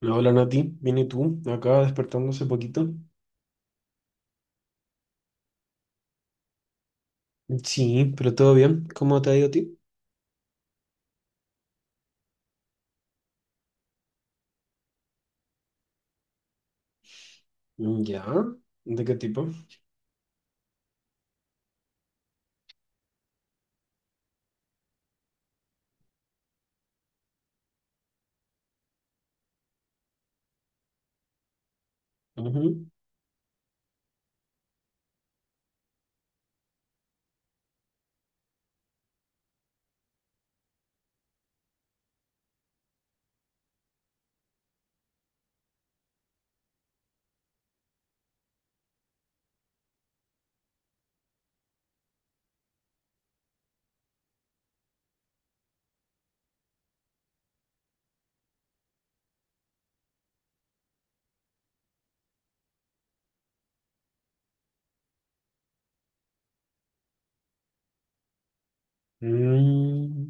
No, hola Nati, ¿viene tú? Acá despertando hace poquito. Sí, pero todo bien. ¿Cómo te ha ido a ti? Mm, ¿ya? ¿De qué tipo? Ujú. Mm,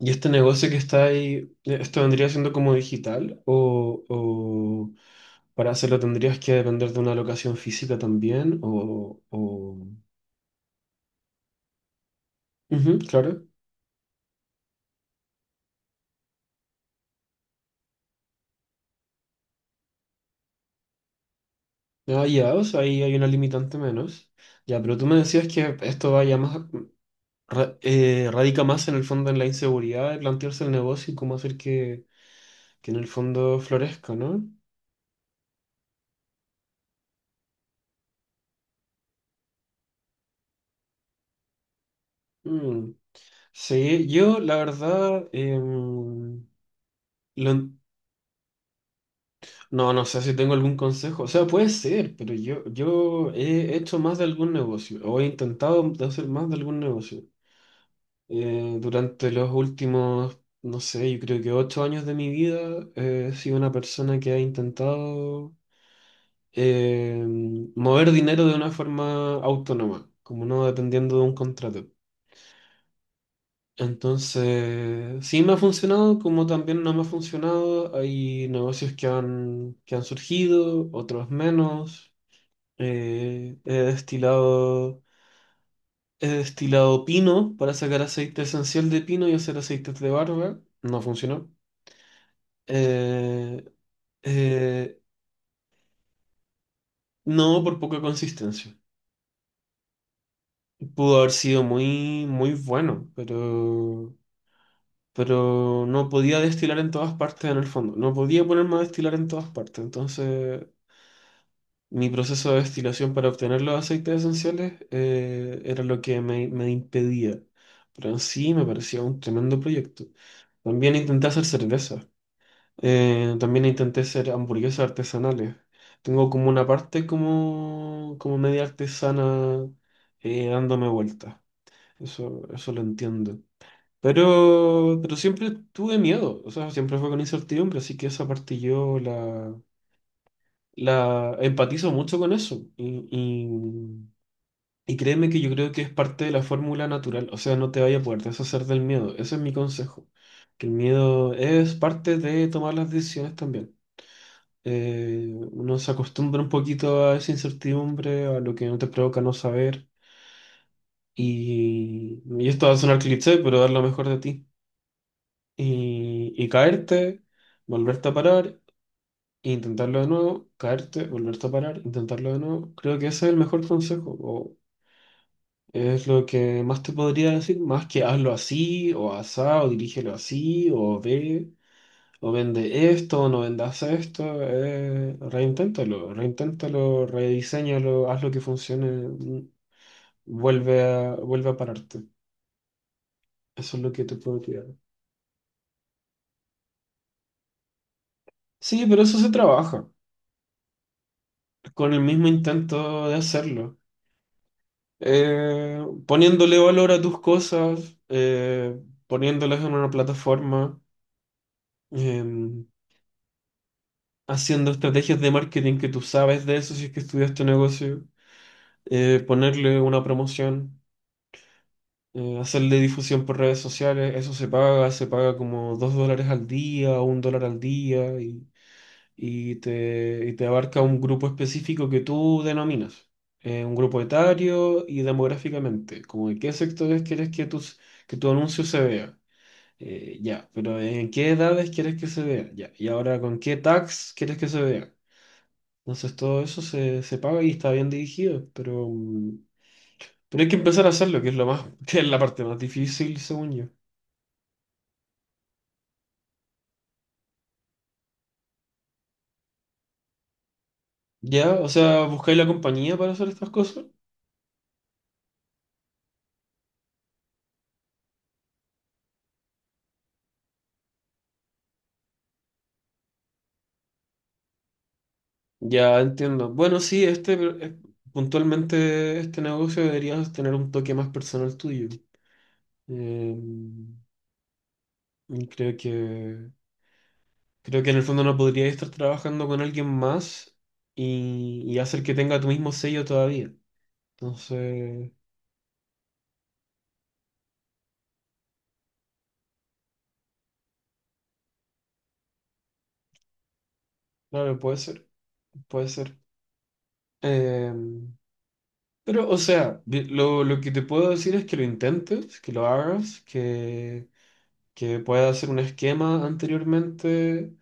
¿Y este negocio que está ahí, esto vendría siendo como digital? ¿O, para hacerlo tendrías que depender de una locación física también? ¿O? Ujú, claro. Ah, ya, o sea, ahí hay una limitante menos. Ya, pero tú me decías que esto va ya más, radica más en el fondo en la inseguridad de plantearse el negocio y cómo hacer que en el fondo florezca, ¿no? Mm. Sí, yo la verdad, lo en- no, no sé si tengo algún consejo, o sea, puede ser, pero yo, he hecho más de algún negocio, o he intentado de hacer más de algún negocio. Durante los últimos, no sé, yo creo que 8 años de mi vida, he sido una persona que ha intentado eh, mover dinero de una forma autónoma, como no dependiendo de un contrato. Entonces, sí me ha funcionado, como también no me ha funcionado. Hay negocios que han, surgido, otros menos. Eh, he destilado, he destilado pino para sacar aceite esencial de pino y hacer aceites de barba. No funcionó. Eh, eh, no por poca consistencia. Pudo haber sido muy, muy bueno, pero no podía destilar en todas partes en el fondo, no podía ponerme a destilar en todas partes, entonces mi proceso de destilación para obtener los aceites esenciales era lo que me, impedía, pero en sí me parecía un tremendo proyecto. También intenté hacer cerveza, también intenté hacer hamburguesas artesanales. Tengo como una parte como, media artesana dándome vueltas. eso, lo entiendo. pero siempre tuve miedo, o sea, siempre fue con incertidumbre, así que esa parte yo la empatizo mucho con eso. Y créeme que yo creo que es parte de la fórmula natural, o sea, no te vaya a poder deshacer del miedo, ese es mi consejo, que el miedo es parte de tomar las decisiones también. Uno se acostumbra un poquito a esa incertidumbre, a lo que no te provoca no saber, y esto va a sonar cliché, pero dar lo mejor de ti. Y caerte, volverte a parar, e intentarlo de nuevo, caerte, volverte a parar, intentarlo de nuevo. Creo que ese es el mejor consejo, o es lo que más te podría decir, más que hazlo así, o asá, o dirígelo así, o ve, o vende esto, o no vendas esto, reinténtalo, reinténtalo, rediseñalo, haz lo que funcione, vuelve a, pararte. Eso es lo que te puedo tirar. Sí, pero eso se trabaja con el mismo intento de hacerlo. Poniéndole valor a tus cosas, poniéndolas en una plataforma, em, haciendo estrategias de marketing que tú sabes de eso si es que estudias tu negocio, ponerle una promoción, hacerle difusión por redes sociales, eso se paga, como $2 al día, o $1 al día, y te abarca un grupo específico que tú denominas, un grupo etario y demográficamente, como en qué sectores quieres que tu anuncio se vea. Ya, pero en qué edades quieres que se vea, ya, y ahora con qué tags quieres que se vea. Entonces todo eso se, paga y está bien dirigido, pero hay que empezar a hacerlo, que es lo más, que es la parte más difícil, según yo. Ya, o sea, buscáis la compañía para hacer estas cosas. Ya entiendo. Bueno, sí, eh, puntualmente este negocio deberías tener un toque más personal tuyo. Eh, y creo que en el fondo no podrías estar trabajando con alguien más y hacer que tenga tu mismo sello todavía. Entonces, claro, puede ser, puede ser. Eh, pero, o sea, lo que te puedo decir es que lo intentes, que lo hagas, que pueda hacer un esquema anteriormente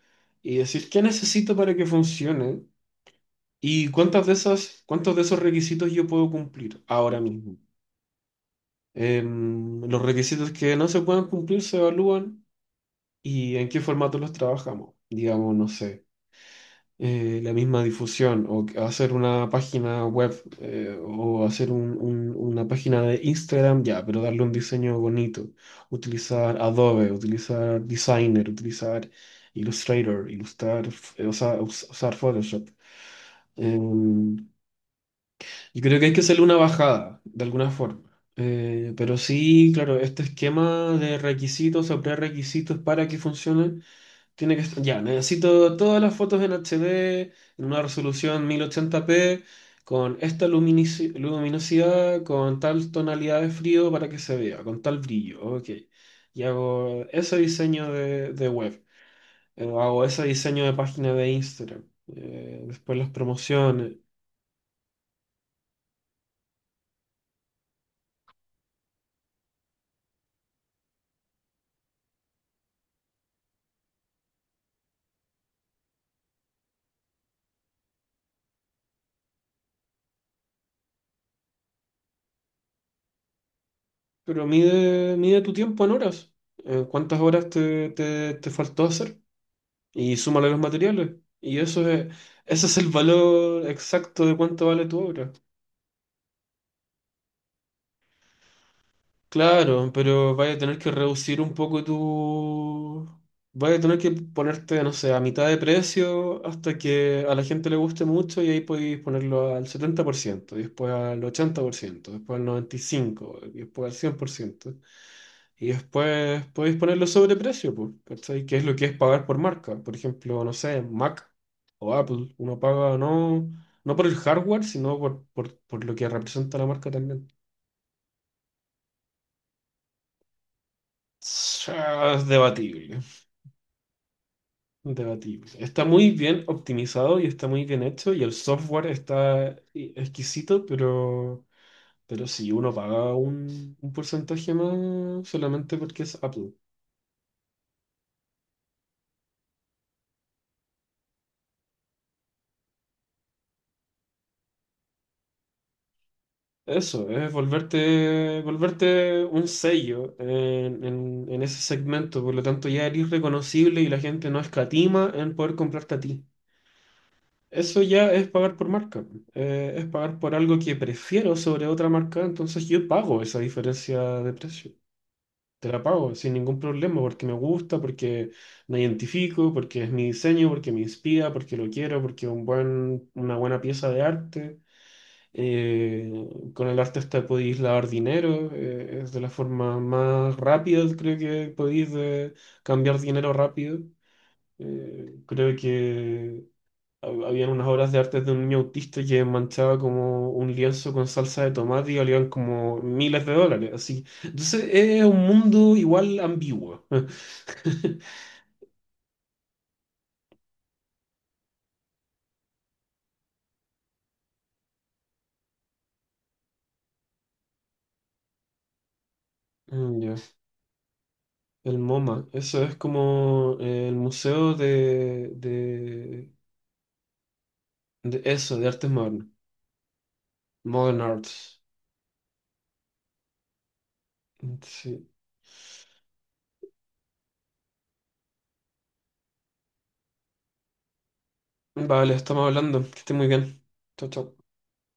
y decir qué necesito para que funcione y cuántos de esos requisitos yo puedo cumplir ahora mismo. Los requisitos que no se puedan cumplir se evalúan y en qué formato los trabajamos. Digamos, no sé. La misma difusión o hacer una página web o hacer una página de Instagram, ya, pero darle un diseño bonito, utilizar Adobe, utilizar Designer, utilizar Illustrator, ilustrar, o sea, usar Photoshop. Em, yo creo que hay que hacerle una bajada de alguna forma. Pero sí, claro, este esquema de requisitos o prerequisitos para que funcione tiene que estar, ya, necesito todas las fotos en HD, en una resolución 1080p, con esta luminosidad, con tal tonalidad de frío para que se vea, con tal brillo, ok. Y hago ese diseño de, web, hago ese diseño de página de Instagram, después las promociones, pero mide, tu tiempo en horas. ¿Cuántas horas te faltó hacer? Y súmale los materiales. Y eso es, ese es el valor exacto de cuánto vale tu obra. Claro, pero vaya a tener que reducir un poco tu. Vaya a tener que ponerte, no sé, a mitad de precio hasta que a la gente le guste mucho y ahí podéis ponerlo al 70%, y después al 80% después al 95%, y después al cien por ciento. Y después podéis ponerlo sobre precio, pues, ¿cachai? ¿Qué es lo que es pagar por marca? Por ejemplo, no sé, Mac o Apple, uno paga no, no por el hardware, sino por, lo que representa la marca también. Ah, es debatible, debatible. Está muy bien optimizado y está muy bien hecho y el software está exquisito, pero, sí, uno paga un porcentaje más solamente porque es Apple. Eso, es volverte, un sello en ese segmento, por lo tanto ya eres reconocible y la gente no escatima en poder comprarte a ti. Eso ya es pagar por marca, es pagar por algo que prefiero sobre otra marca, entonces yo pago esa diferencia de precio, te la pago sin ningún problema porque me gusta, porque me identifico, porque es mi diseño, porque me inspira, porque lo quiero, porque es una buena pieza de arte. Eh, con el arte artista podéis lavar dinero, es de la forma más rápida, creo que podéis cambiar dinero rápido. Creo que habían unas obras de arte de un niño autista que manchaba como un lienzo con salsa de tomate y valían como miles de dólares. Así. Entonces es un mundo igual ambiguo. Mm, ya. El MoMA, eso es como el museo de, de eso, de artes modernas. Modern Arts. Sí. Vale, estamos hablando. Que esté muy bien. Chao, chao.